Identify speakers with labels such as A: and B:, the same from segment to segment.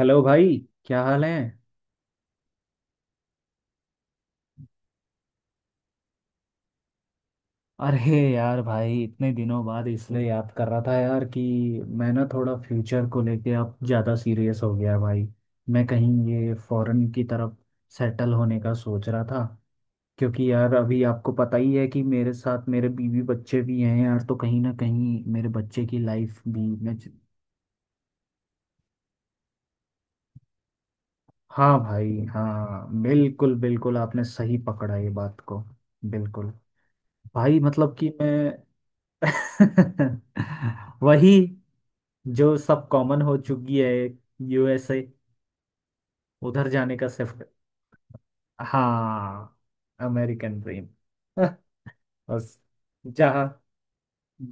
A: Hello भाई। क्या हाल है? अरे यार भाई, इतने दिनों बाद इसलिए याद कर रहा था यार कि मैं ना थोड़ा फ्यूचर को लेके अब ज़्यादा सीरियस हो गया भाई। मैं कहीं ये फॉरेन की तरफ सेटल होने का सोच रहा था। क्योंकि यार अभी आपको पता ही है कि मेरे साथ मेरे बीवी बच्चे भी हैं यार, तो कहीं ना कहीं मेरे बच्चे की लाइफ भी मैं हाँ भाई, हाँ बिल्कुल बिल्कुल आपने सही पकड़ा ये बात को। बिल्कुल। भाई मतलब कि मैं वही जो सब कॉमन हो चुकी है। यूएसए। उधर जाने का सिर्फ। हाँ। American dream. बस। जहाँ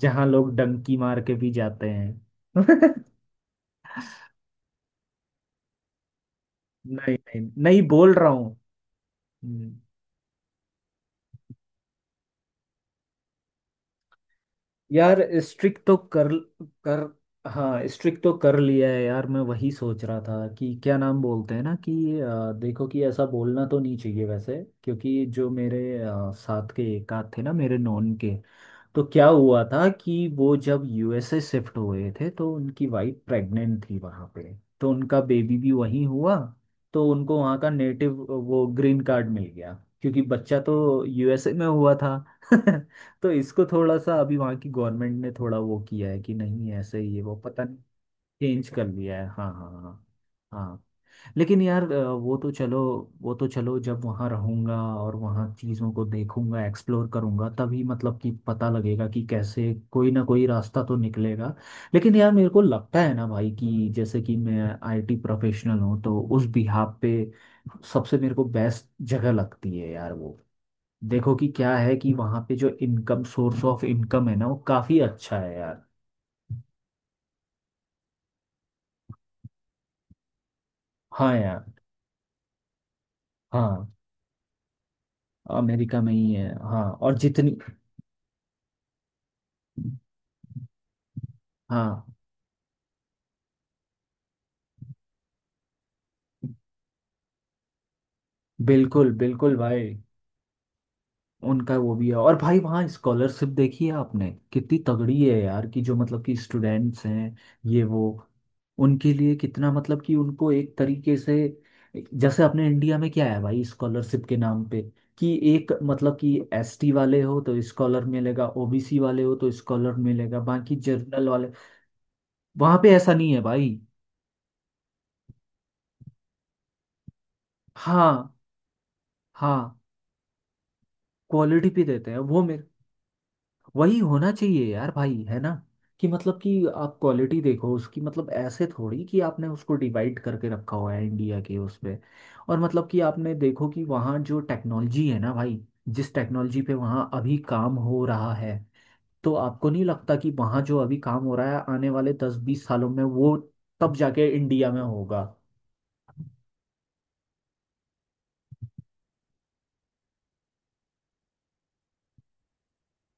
A: जहाँ लोग डंकी मार के भी जाते हैं। नहीं, नहीं नहीं बोल रहा हूँ। यार स्ट्रिक तो कर कर हाँ स्ट्रिक तो कर लिया है यार। मैं वही सोच रहा था कि क्या नाम बोलते हैं ना कि देखो कि ऐसा बोलना तो नहीं चाहिए वैसे। क्योंकि जो मेरे साथ के एक आध थे ना मेरे नॉन के, तो क्या हुआ था कि वो जब यूएसए शिफ्ट हुए थे तो उनकी वाइफ प्रेग्नेंट थी वहाँ पे। तो उनका बेबी भी वहीं हुआ। तो उनको वहाँ का नेटिव वो ग्रीन कार्ड मिल गया क्योंकि बच्चा तो यूएसए में हुआ था। तो इसको थोड़ा सा अभी वहाँ की गवर्नमेंट ने थोड़ा वो किया है कि नहीं ऐसे ही है वो पता नहीं। चेंज कर लिया है, हाँ हाँ हाँ हाँ। लेकिन यार, वो तो चलो, जब वहाँ रहूँगा और वहाँ चीज़ों को देखूंगा एक्सप्लोर करूंगा तभी मतलब कि पता लगेगा कि कैसे कोई ना कोई रास्ता तो निकलेगा। लेकिन यार मेरे को लगता है ना भाई कि जैसे कि मैं आईटी प्रोफेशनल हूँ तो उस बिहाफ पे सबसे मेरे को बेस्ट जगह लगती है यार वो। देखो कि क्या है कि वहाँ पे जो इनकम सोर्स ऑफ इनकम है ना वो काफ़ी अच्छा है यार। हाँ यार। हाँ अमेरिका में ही है, हाँ। और जितनी हाँ बिल्कुल बिल्कुल भाई, उनका वो भी है। और भाई वहाँ स्कॉलरशिप देखी है आपने कितनी तगड़ी है यार कि जो मतलब कि स्टूडेंट्स हैं ये वो, उनके लिए कितना मतलब कि उनको एक तरीके से, जैसे अपने इंडिया में क्या है भाई स्कॉलरशिप के नाम पे कि एक मतलब कि एसटी वाले हो तो स्कॉलर मिलेगा, ओबीसी वाले हो तो स्कॉलर मिलेगा, बाकी जनरल वाले। वहाँ पे ऐसा नहीं है भाई। हाँ हाँ क्वालिटी पे देते हैं वो वही होना चाहिए यार भाई, है ना? कि मतलब कि आप क्वालिटी देखो उसकी, मतलब ऐसे थोड़ी कि आपने उसको डिवाइड करके रखा हुआ है इंडिया के उस पे। और मतलब कि आपने देखो कि वहाँ जो टेक्नोलॉजी है ना भाई जिस टेक्नोलॉजी पे वहाँ अभी काम हो रहा है, तो आपको नहीं लगता कि वहाँ जो अभी काम हो रहा है आने वाले 10-20 सालों में वो तब जाके इंडिया में होगा?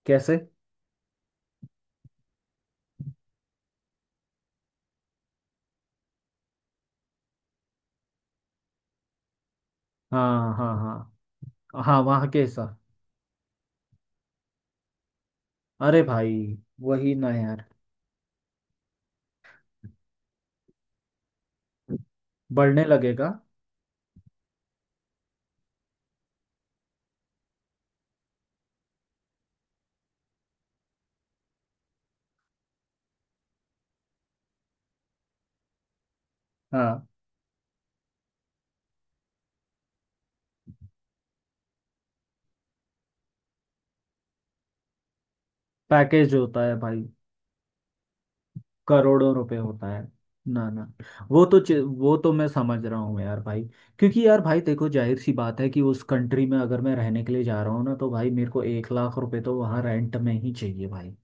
A: कैसे? हाँ हाँ हाँ हाँ वहाँ कैसा? अरे भाई वही ना यार, बढ़ने लगेगा। हाँ। पैकेज होता है भाई। करोड़ों रुपए होता है। ना ना, वो तो वो तो मैं समझ रहा हूँ यार भाई। क्योंकि यार भाई देखो जाहिर सी बात है कि उस कंट्री में अगर मैं रहने के लिए जा रहा हूँ ना तो भाई मेरे को 1 लाख रुपए तो वहाँ रेंट में ही चाहिए भाई।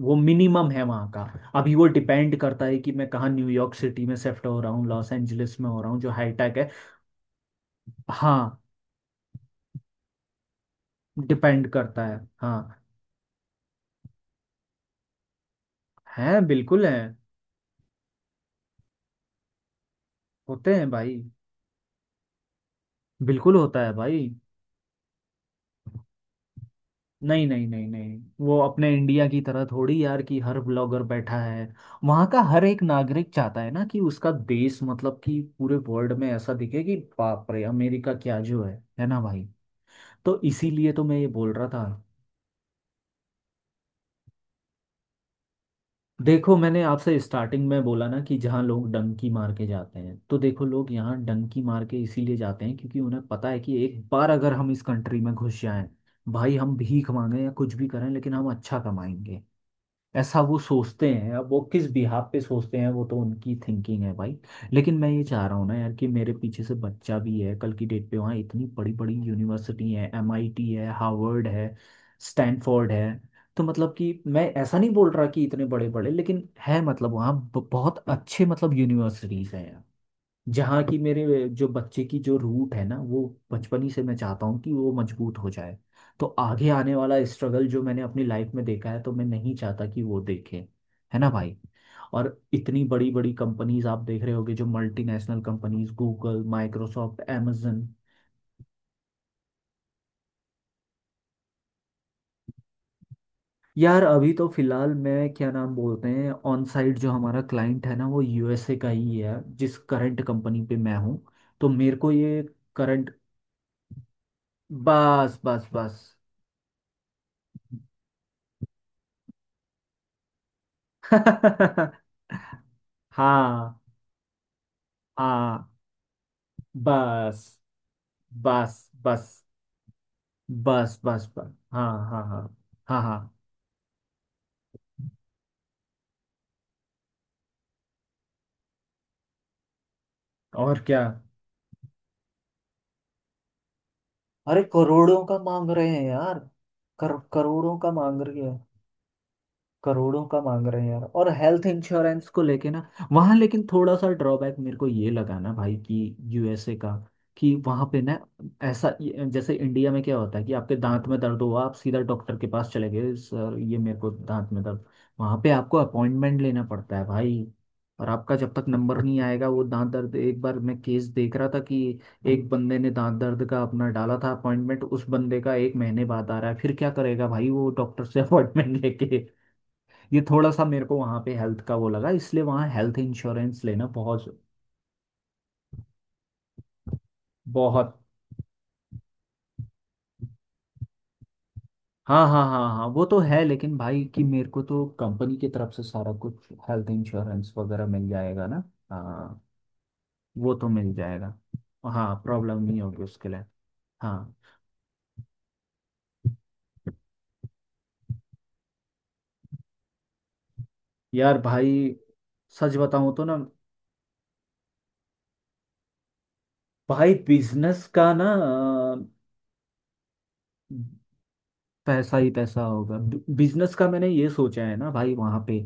A: वो मिनिमम है वहाँ का। अभी वो डिपेंड करता है कि मैं कहाँ, न्यूयॉर्क सिटी में शिफ्ट हो रहा हूँ, लॉस एंजलिस में हो रहा हूँ जो हाईटेक है। हाँ डिपेंड करता है, हाँ। है, बिल्कुल है। होते हैं भाई, बिल्कुल होता है भाई। नहीं नहीं नहीं नहीं, वो अपने इंडिया की तरह थोड़ी यार कि हर ब्लॉगर बैठा है। वहाँ का हर एक नागरिक चाहता है ना कि उसका देश मतलब कि पूरे वर्ल्ड में ऐसा दिखे कि बाप रे अमेरिका क्या जो है ना भाई? तो इसीलिए तो मैं ये बोल रहा था। देखो मैंने आपसे स्टार्टिंग में बोला ना कि जहाँ लोग डंकी मार के जाते हैं, तो देखो लोग यहाँ डंकी मार के इसीलिए जाते हैं क्योंकि उन्हें पता है कि एक बार अगर हम इस कंट्री में घुस जाएं, भाई हम भीख मांगे या कुछ भी करें लेकिन हम अच्छा कमाएंगे। ऐसा वो सोचते हैं, अब वो किस बिहाफ पे सोचते हैं वो तो उनकी थिंकिंग है भाई। लेकिन मैं ये चाह रहा हूँ ना यार कि मेरे पीछे से बच्चा भी है, कल की डेट पे वहाँ इतनी बड़ी बड़ी यूनिवर्सिटी है, एमआईटी है, हार्वर्ड है, स्टैनफोर्ड है। तो मतलब कि मैं ऐसा नहीं बोल रहा कि इतने बड़े बड़े, लेकिन है मतलब वहाँ बहुत अच्छे मतलब यूनिवर्सिटीज हैं यार। जहाँ की मेरे जो बच्चे की जो रूट है ना वो बचपन ही से मैं चाहता हूँ कि वो मजबूत हो जाए। तो आगे आने वाला स्ट्रगल जो मैंने अपनी लाइफ में देखा है, तो मैं नहीं चाहता कि वो देखे। है ना भाई? और इतनी बड़ी बड़ी कंपनीज आप देख रहे होगे जो multinational companies, Google, Microsoft, amazon। यार अभी तो फिलहाल मैं क्या नाम बोलते हैं ऑन साइट, जो हमारा क्लाइंट है ना वो यूएसए का ही है, जिस करंट कंपनी पे मैं हूँ। तो मेरे को ये करंट। बस बस बस। हाँ हाँ। बस बस बस। बस बस बस। हाँ हाँ हाँ हाँ हाँ। और क्या, अरे करोड़ों का मांग रहे हैं यार। करोड़ों का मांग रहे हैं। करोड़ों का मांग रहे हैं यार, और हेल्थ इंश्योरेंस को लेके ना वहाँ, लेकिन थोड़ा सा ड्रॉबैक मेरे को ये लगा ना भाई कि यूएसए का कि वहाँ पे ना, ऐसा जैसे इंडिया में क्या होता है कि आपके दांत में दर्द हुआ, आप सीधा डॉक्टर के पास चले गए, सर ये मेरे को दांत में दर्द। वहाँ पे आपको अपॉइंटमेंट लेना पड़ता है भाई। और आपका जब तक नंबर नहीं आएगा वो दांत दर्द, एक बार मैं केस देख रहा था कि एक बंदे ने दांत दर्द का अपना डाला था अपॉइंटमेंट, उस बंदे का एक महीने बाद आ रहा है, फिर क्या करेगा भाई वो डॉक्टर से अपॉइंटमेंट लेके। ये थोड़ा सा मेरे को वहाँ पे हेल्थ का वो लगा, इसलिए वहाँ हेल्थ इंश्योरेंस लेना बहुत बहुत। हाँ हाँ हाँ हाँ वो तो है, लेकिन भाई कि मेरे को तो कंपनी की तरफ से सारा कुछ हेल्थ इंश्योरेंस वगैरह मिल जाएगा ना। हाँ वो तो मिल जाएगा, हाँ प्रॉब्लम नहीं होगी उसके लिए। हाँ। यार भाई सच बताऊँ तो ना भाई, बिजनेस का ना पैसा ही पैसा होगा। बिजनेस का मैंने ये सोचा है ना भाई वहाँ पे,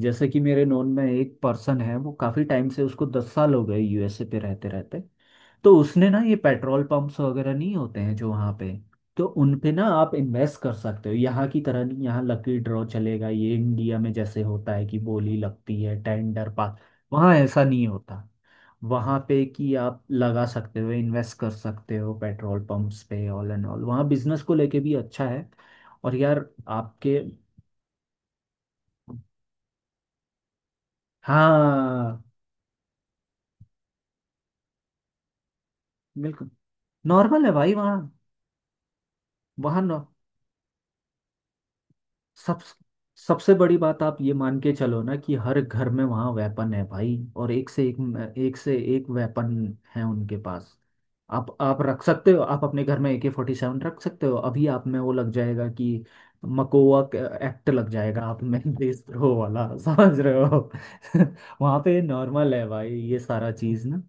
A: जैसे कि मेरे नोन में एक पर्सन है, वो काफी टाइम से, उसको 10 साल हो गए यूएसए पे रहते रहते। तो उसने ना, ये पेट्रोल पंप्स वगैरह नहीं होते हैं जो वहाँ पे, तो उन पे ना आप इन्वेस्ट कर सकते हो। यहाँ की तरह नहीं, यहाँ लकी ड्रॉ चलेगा ये इंडिया में, जैसे होता है कि बोली लगती है, टेंडर पास। वहाँ ऐसा नहीं होता। वहां पे कि आप लगा सकते हो, इन्वेस्ट कर सकते हो पेट्रोल पंप्स पे। ऑल एंड ऑल वहाँ बिजनेस को लेके भी अच्छा है। और यार आपके, हाँ बिल्कुल नॉर्मल है भाई वहाँ। वहाँ सब, सबसे बड़ी बात आप ये मान के चलो ना कि हर घर में वहाँ वेपन है भाई, और एक से एक वेपन है उनके पास। आप रख सकते हो, आप अपने घर में AK-47 रख सकते हो, अभी आप में वो लग जाएगा कि मकोवा एक्ट लग जाएगा आप में। देशद्रोह वाला, समझ रहे हो? वहाँ पे नॉर्मल है भाई ये सारा चीज़ ना।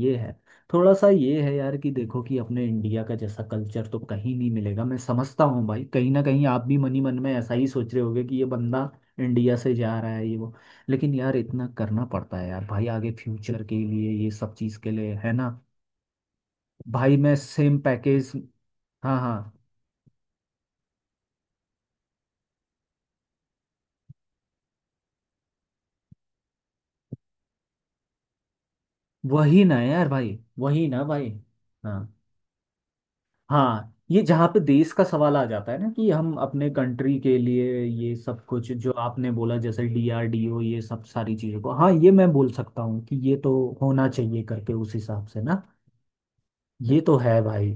A: ये है, थोड़ा सा ये है यार कि देखो कि अपने इंडिया का जैसा कल्चर तो कहीं नहीं मिलेगा। मैं समझता हूँ भाई, कहीं ना कहीं आप भी मन ही मन में ऐसा ही सोच रहे होगे कि ये बंदा इंडिया से जा रहा है ये वो, लेकिन यार इतना करना पड़ता है यार भाई, आगे फ्यूचर के लिए, ये सब चीज़ के लिए है ना। भाई मैं सेम पैकेज। हाँ हाँ वही ना यार भाई, वही ना भाई। हाँ हाँ, ये जहाँ पे देश का सवाल आ जाता है ना कि हम अपने कंट्री के लिए ये सब कुछ जो आपने बोला, जैसे डीआरडीओ, ये सब सारी चीज़ों को, हाँ ये मैं बोल सकता हूँ कि ये तो होना चाहिए, करके उस हिसाब से ना। ये तो है भाई।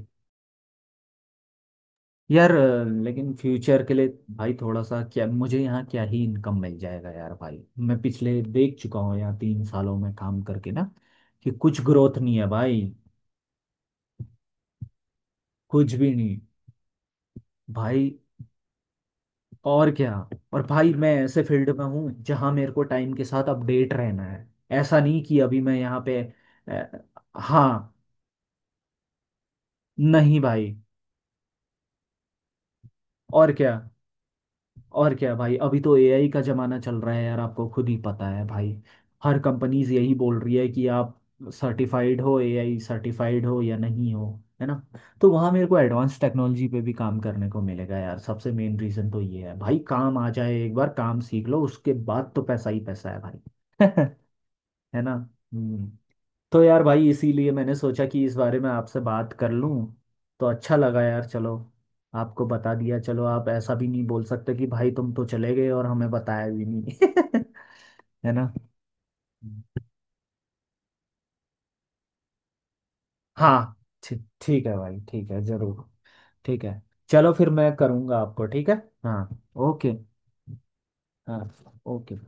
A: यार, लेकिन फ्यूचर के लिए भाई थोड़ा सा, क्या मुझे यहाँ क्या ही इनकम मिल जाएगा यार भाई? मैं पिछले देख चुका हूँ यहाँ 3 सालों में काम करके ना कि कुछ ग्रोथ नहीं है भाई। कुछ भी नहीं भाई, और क्या? और भाई मैं ऐसे फील्ड में हूँ जहाँ मेरे को टाइम के साथ अपडेट रहना है। ऐसा नहीं कि अभी मैं यहाँ पे अ, हाँ नहीं भाई, और क्या? और क्या भाई, अभी तो एआई का जमाना चल रहा है यार, आपको खुद ही पता है भाई। हर कंपनीज यही बोल रही है कि आप सर्टिफाइड हो, एआई सर्टिफाइड हो या नहीं हो, है ना? तो वहाँ मेरे को एडवांस टेक्नोलॉजी पे भी काम करने को मिलेगा यार, सबसे मेन रीज़न तो ये है भाई, काम आ जाए, एक बार काम सीख लो उसके बाद तो पैसा ही पैसा है भाई। है ना? हम्म। तो यार भाई इसीलिए मैंने सोचा कि इस बारे में आपसे बात कर लूं, तो अच्छा लगा यार, चलो। आपको बता दिया, चलो, आप ऐसा भी नहीं बोल सकते कि भाई तुम तो चले गए और हमें बताया भी नहीं। है ना? हम्म। हाँ, ठीक, ठीक है भाई, ठीक है जरूर, ठीक है। चलो फिर मैं करूँगा आपको, ठीक है? हाँ ओके। हाँ। ओके।